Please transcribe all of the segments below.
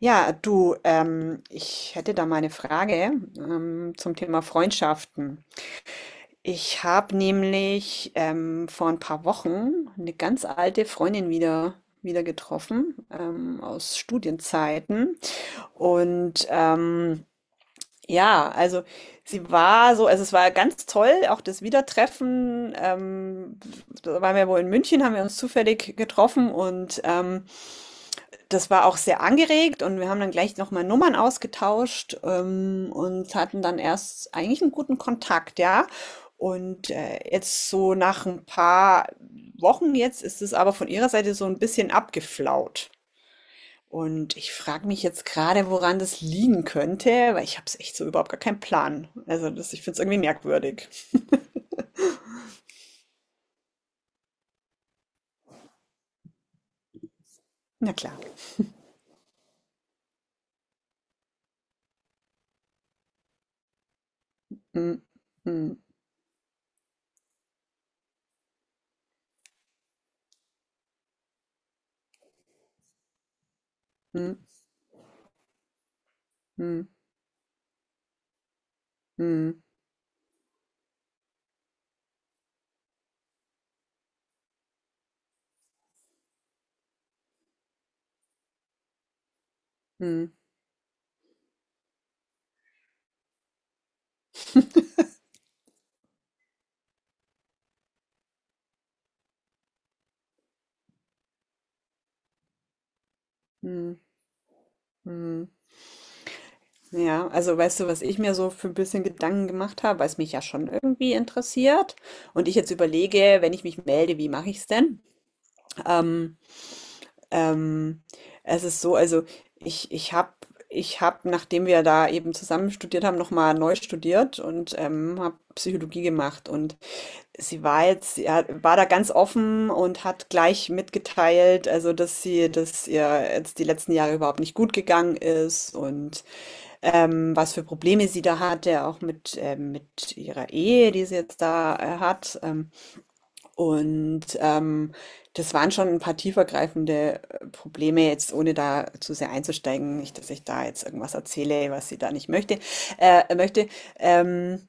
Ja, du, ich hätte da mal eine Frage zum Thema Freundschaften. Ich habe nämlich vor ein paar Wochen eine ganz alte Freundin wieder getroffen aus Studienzeiten. Und ja, also sie war so, also es war ganz toll, auch das Wiedertreffen. Da waren wir wohl in München, haben wir uns zufällig getroffen und das war auch sehr angeregt und wir haben dann gleich nochmal Nummern ausgetauscht, und hatten dann erst eigentlich einen guten Kontakt, ja. Und, jetzt so nach ein paar Wochen jetzt ist es aber von ihrer Seite so ein bisschen abgeflaut. Und ich frage mich jetzt gerade, woran das liegen könnte, weil ich habe es echt so überhaupt gar keinen Plan. Also, das ich finde es irgendwie merkwürdig. Na klar. Mhm. Mhm. Mhm. Mhm. Mhm. Mhm. Mhm. Mhm. Ja, also weißt du, was ich mir so für ein bisschen Gedanken gemacht habe, weil es mich ja schon irgendwie interessiert und ich jetzt überlege, wenn ich mich melde, wie mache ich es denn? Ähm, ähm, es ist so, also ich habe, nachdem wir da eben zusammen studiert haben, nochmal neu studiert und habe Psychologie gemacht und sie war jetzt, war da ganz offen und hat gleich mitgeteilt, also dass ihr jetzt die letzten Jahre überhaupt nicht gut gegangen ist und was für Probleme sie da hatte, auch mit ihrer Ehe, die sie jetzt da hat. Und ähm, Das waren schon ein paar tiefergreifende Probleme, jetzt ohne da zu sehr einzusteigen, nicht, dass ich da jetzt irgendwas erzähle, was sie da nicht möchte. Ähm,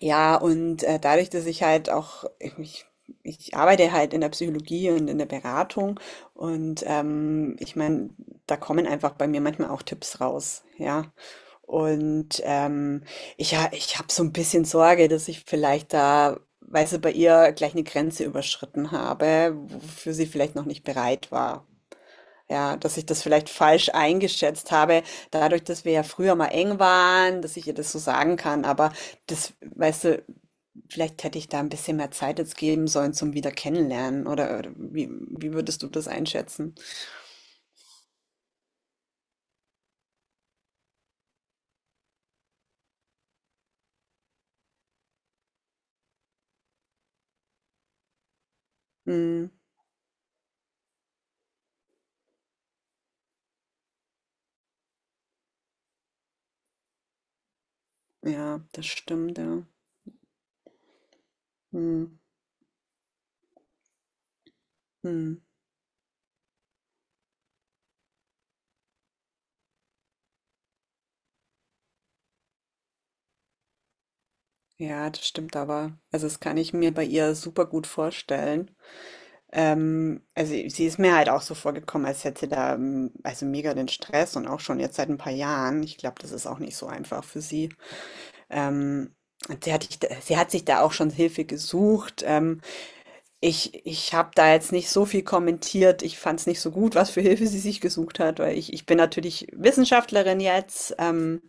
ja, und dadurch, dass ich halt auch, ich arbeite halt in der Psychologie und in der Beratung und ich meine, da kommen einfach bei mir manchmal auch Tipps raus, ja. Und ich habe so ein bisschen Sorge, dass ich vielleicht da, weißt du, bei ihr gleich eine Grenze überschritten habe, wofür sie vielleicht noch nicht bereit war. Ja, dass ich das vielleicht falsch eingeschätzt habe, dadurch, dass wir ja früher mal eng waren, dass ich ihr das so sagen kann, aber das, weißt du, vielleicht hätte ich da ein bisschen mehr Zeit jetzt geben sollen zum wieder Kennenlernen oder wie würdest du das einschätzen? Mhm, ja, das stimmt, ja. Mhm, mhm. Ja, das stimmt aber. Also, das kann ich mir bei ihr super gut vorstellen. Also, sie ist mir halt auch so vorgekommen, als hätte sie da, also, mega den Stress und auch schon jetzt seit ein paar Jahren. Ich glaube, das ist auch nicht so einfach für sie. Ähm, und sie hat sich da auch schon Hilfe gesucht, ich habe da jetzt nicht so viel kommentiert. Ich fand es nicht so gut, was für Hilfe sie sich gesucht hat, weil ich bin natürlich Wissenschaftlerin jetzt,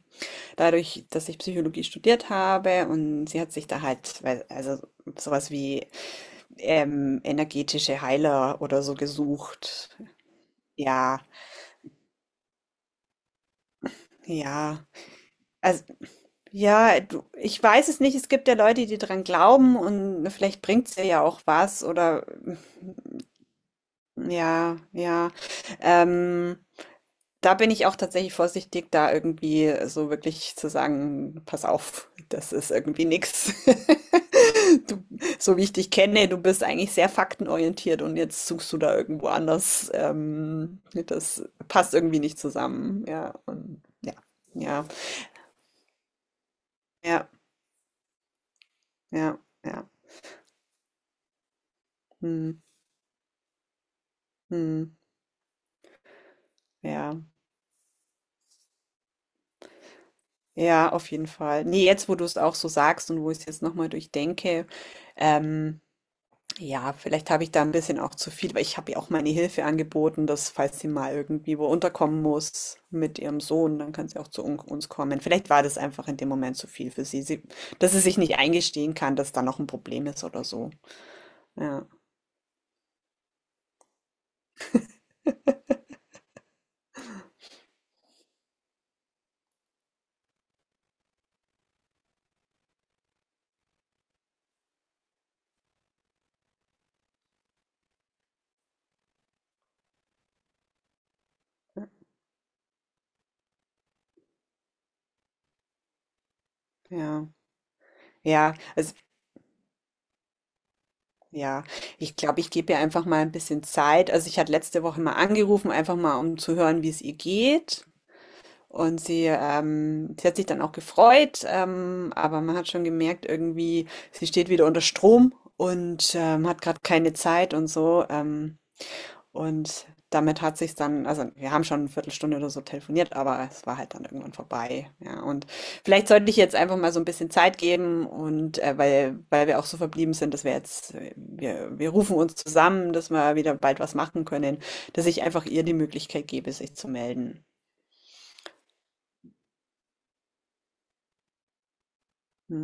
dadurch, dass ich Psychologie studiert habe und sie hat sich da halt, weil also sowas wie, energetische Heiler oder so gesucht. Ja, ja. Also, ja, du ich weiß es nicht. Es gibt ja Leute, die dran glauben und vielleicht bringt's ihr ja auch was oder ja, ja. Ähm. Da bin ich auch tatsächlich vorsichtig, da irgendwie so wirklich zu sagen: „Pass auf, das ist irgendwie nix. Du so wie ich dich kenne, du bist eigentlich sehr faktenorientiert und jetzt suchst du da irgendwo anders, das passt irgendwie nicht zusammen.“ Ja, und ja, ja, ja, ja, ja. Mhm, mhm, ja, ja, auf jeden Fall. Ne, jetzt, wo du es auch so sagst und wo ich's jetzt noch mal durchdenke, ähm ja, vielleicht habe ich da ein bisschen auch zu viel weil ich habe ihr auch meine Hilfe angeboten, dass falls sie mal irgendwie wo unterkommen muss mit ihrem Sohn, dann kann sie auch zu un uns kommen. Vielleicht war das einfach in dem Moment zu viel für sie. Dass sie sich nicht eingestehen kann, dass da noch ein Problem ist oder so. Ja, ja. Ja, also ja, ich glaube, ich gebe ihr einfach mal ein bisschen Zeit. Also, ich hatte letzte Woche mal angerufen, einfach mal, um zu hören, wie es ihr geht. Und sie, sie hat sich dann auch gefreut, aber man hat schon gemerkt, irgendwie, sie steht wieder unter Strom und hat gerade keine Zeit und so. Und damit hat sich dann, also wir haben schon eine Viertelstunde oder so telefoniert, aber es war halt dann irgendwann vorbei. Ja, und vielleicht sollte ich jetzt einfach mal so ein bisschen Zeit geben und weil wir auch so verblieben sind, dass wir jetzt, wir rufen uns zusammen, dass wir wieder bald was machen können, dass ich einfach ihr die Möglichkeit gebe, sich zu melden. Hm.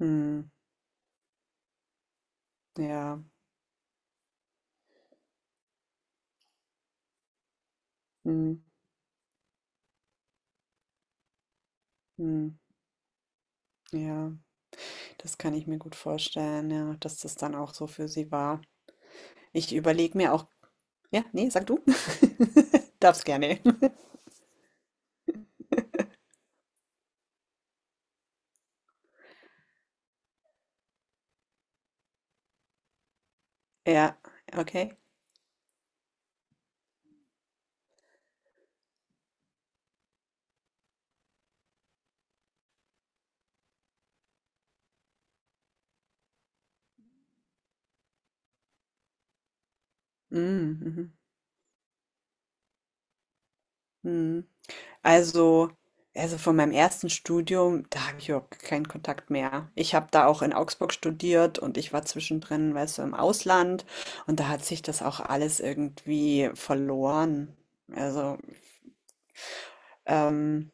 Hm. Ja, mhm, mhm, ja, das kann ich mir gut vorstellen, ja, dass das dann auch so für sie war. Ich überlege mir auch ja, ne, sag du. Darfst gerne. Ja, okay. Mhm, mhm, mhm. Also also von meinem ersten Studium, da habe ich überhaupt keinen Kontakt mehr. Ich habe da auch in Augsburg studiert und ich war zwischendrin, weißt du, im Ausland und da hat sich das auch alles irgendwie verloren. Also, ähm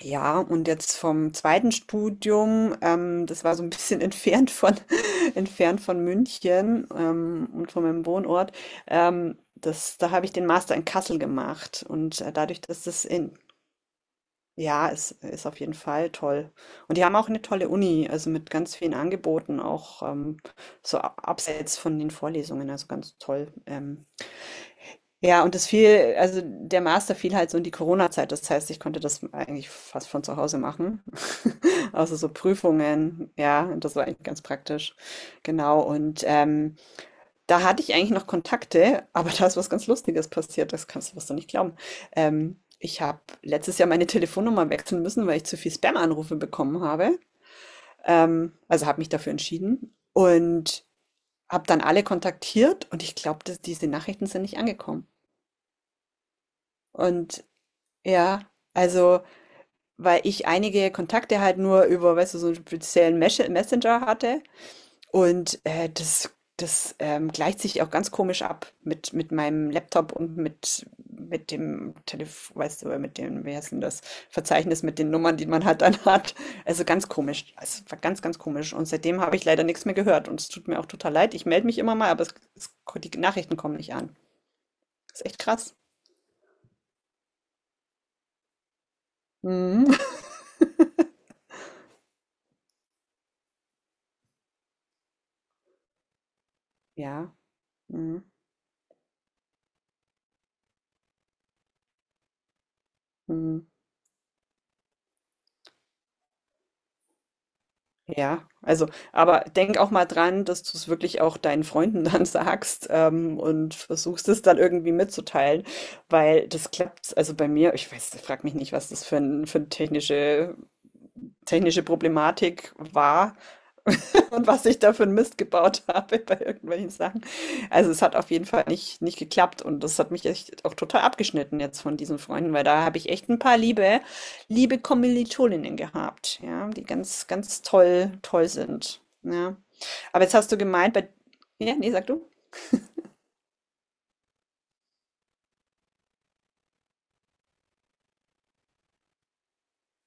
ja, und jetzt vom zweiten Studium, das war so ein bisschen entfernt von entfernt von München, und von meinem Wohnort. Das Da habe ich den Master in Kassel gemacht und, dadurch, dass das in ja, es ist auf jeden Fall toll. Und die haben auch eine tolle Uni, also, mit ganz vielen Angeboten, auch, so a abseits von den Vorlesungen, also, ganz toll. Ja, und das fiel der Master fiel halt so in die Corona-Zeit. Das heißt, ich konnte das eigentlich fast von zu Hause machen. außer so Prüfungen, ja, und das war eigentlich ganz praktisch. Genau. Und da hatte ich eigentlich noch Kontakte, aber da ist was ganz Lustiges passiert. Du wirst du nicht glauben. Ich habe letztes Jahr meine Telefonnummer wechseln müssen, weil ich zu viel Spam-Anrufe bekommen habe. Also habe mich dafür entschieden und habe dann alle kontaktiert und ich glaube, dass diese Nachrichten sind nicht angekommen. Und ja, also, weil ich einige Kontakte halt nur über, weißt du, so einen speziellen Mesche Messenger hatte und, das, gleicht sich auch ganz komisch ab mit meinem Laptop und mit dem Telefon, weißt du, mit dem wie heißt denn das, Verzeichnis mit den Nummern, die man halt dann hat. Also, ganz komisch. Es war ganz, ganz komisch und seitdem habe ich leider nichts mehr gehört und es tut mir auch total leid. Ich melde mich immer mal, aber es die Nachrichten kommen nicht an. Ist echt krass. Mhm. Ja. Mhm. Mhm. Ja, also, aber denk auch mal dran, dass du es wirklich auch deinen Freunden dann sagst, und versuchst es dann irgendwie mitzuteilen, weil das klappt. Also bei mir, ich weiß, frag mich nicht, was das für für eine technische Problematik war und was ich da für 'n Mist gebaut habe bei irgendwelchen Sachen. Also, es hat auf jeden Fall nicht geklappt und das hat mich echt auch total abgeschnitten jetzt von diesen Freunden, weil da habe ich echt ein paar liebe Kommilitoninnen gehabt, ja, die ganz, ganz toll sind, ja. Aber jetzt hast du gemeint bei ja, ne, sag du.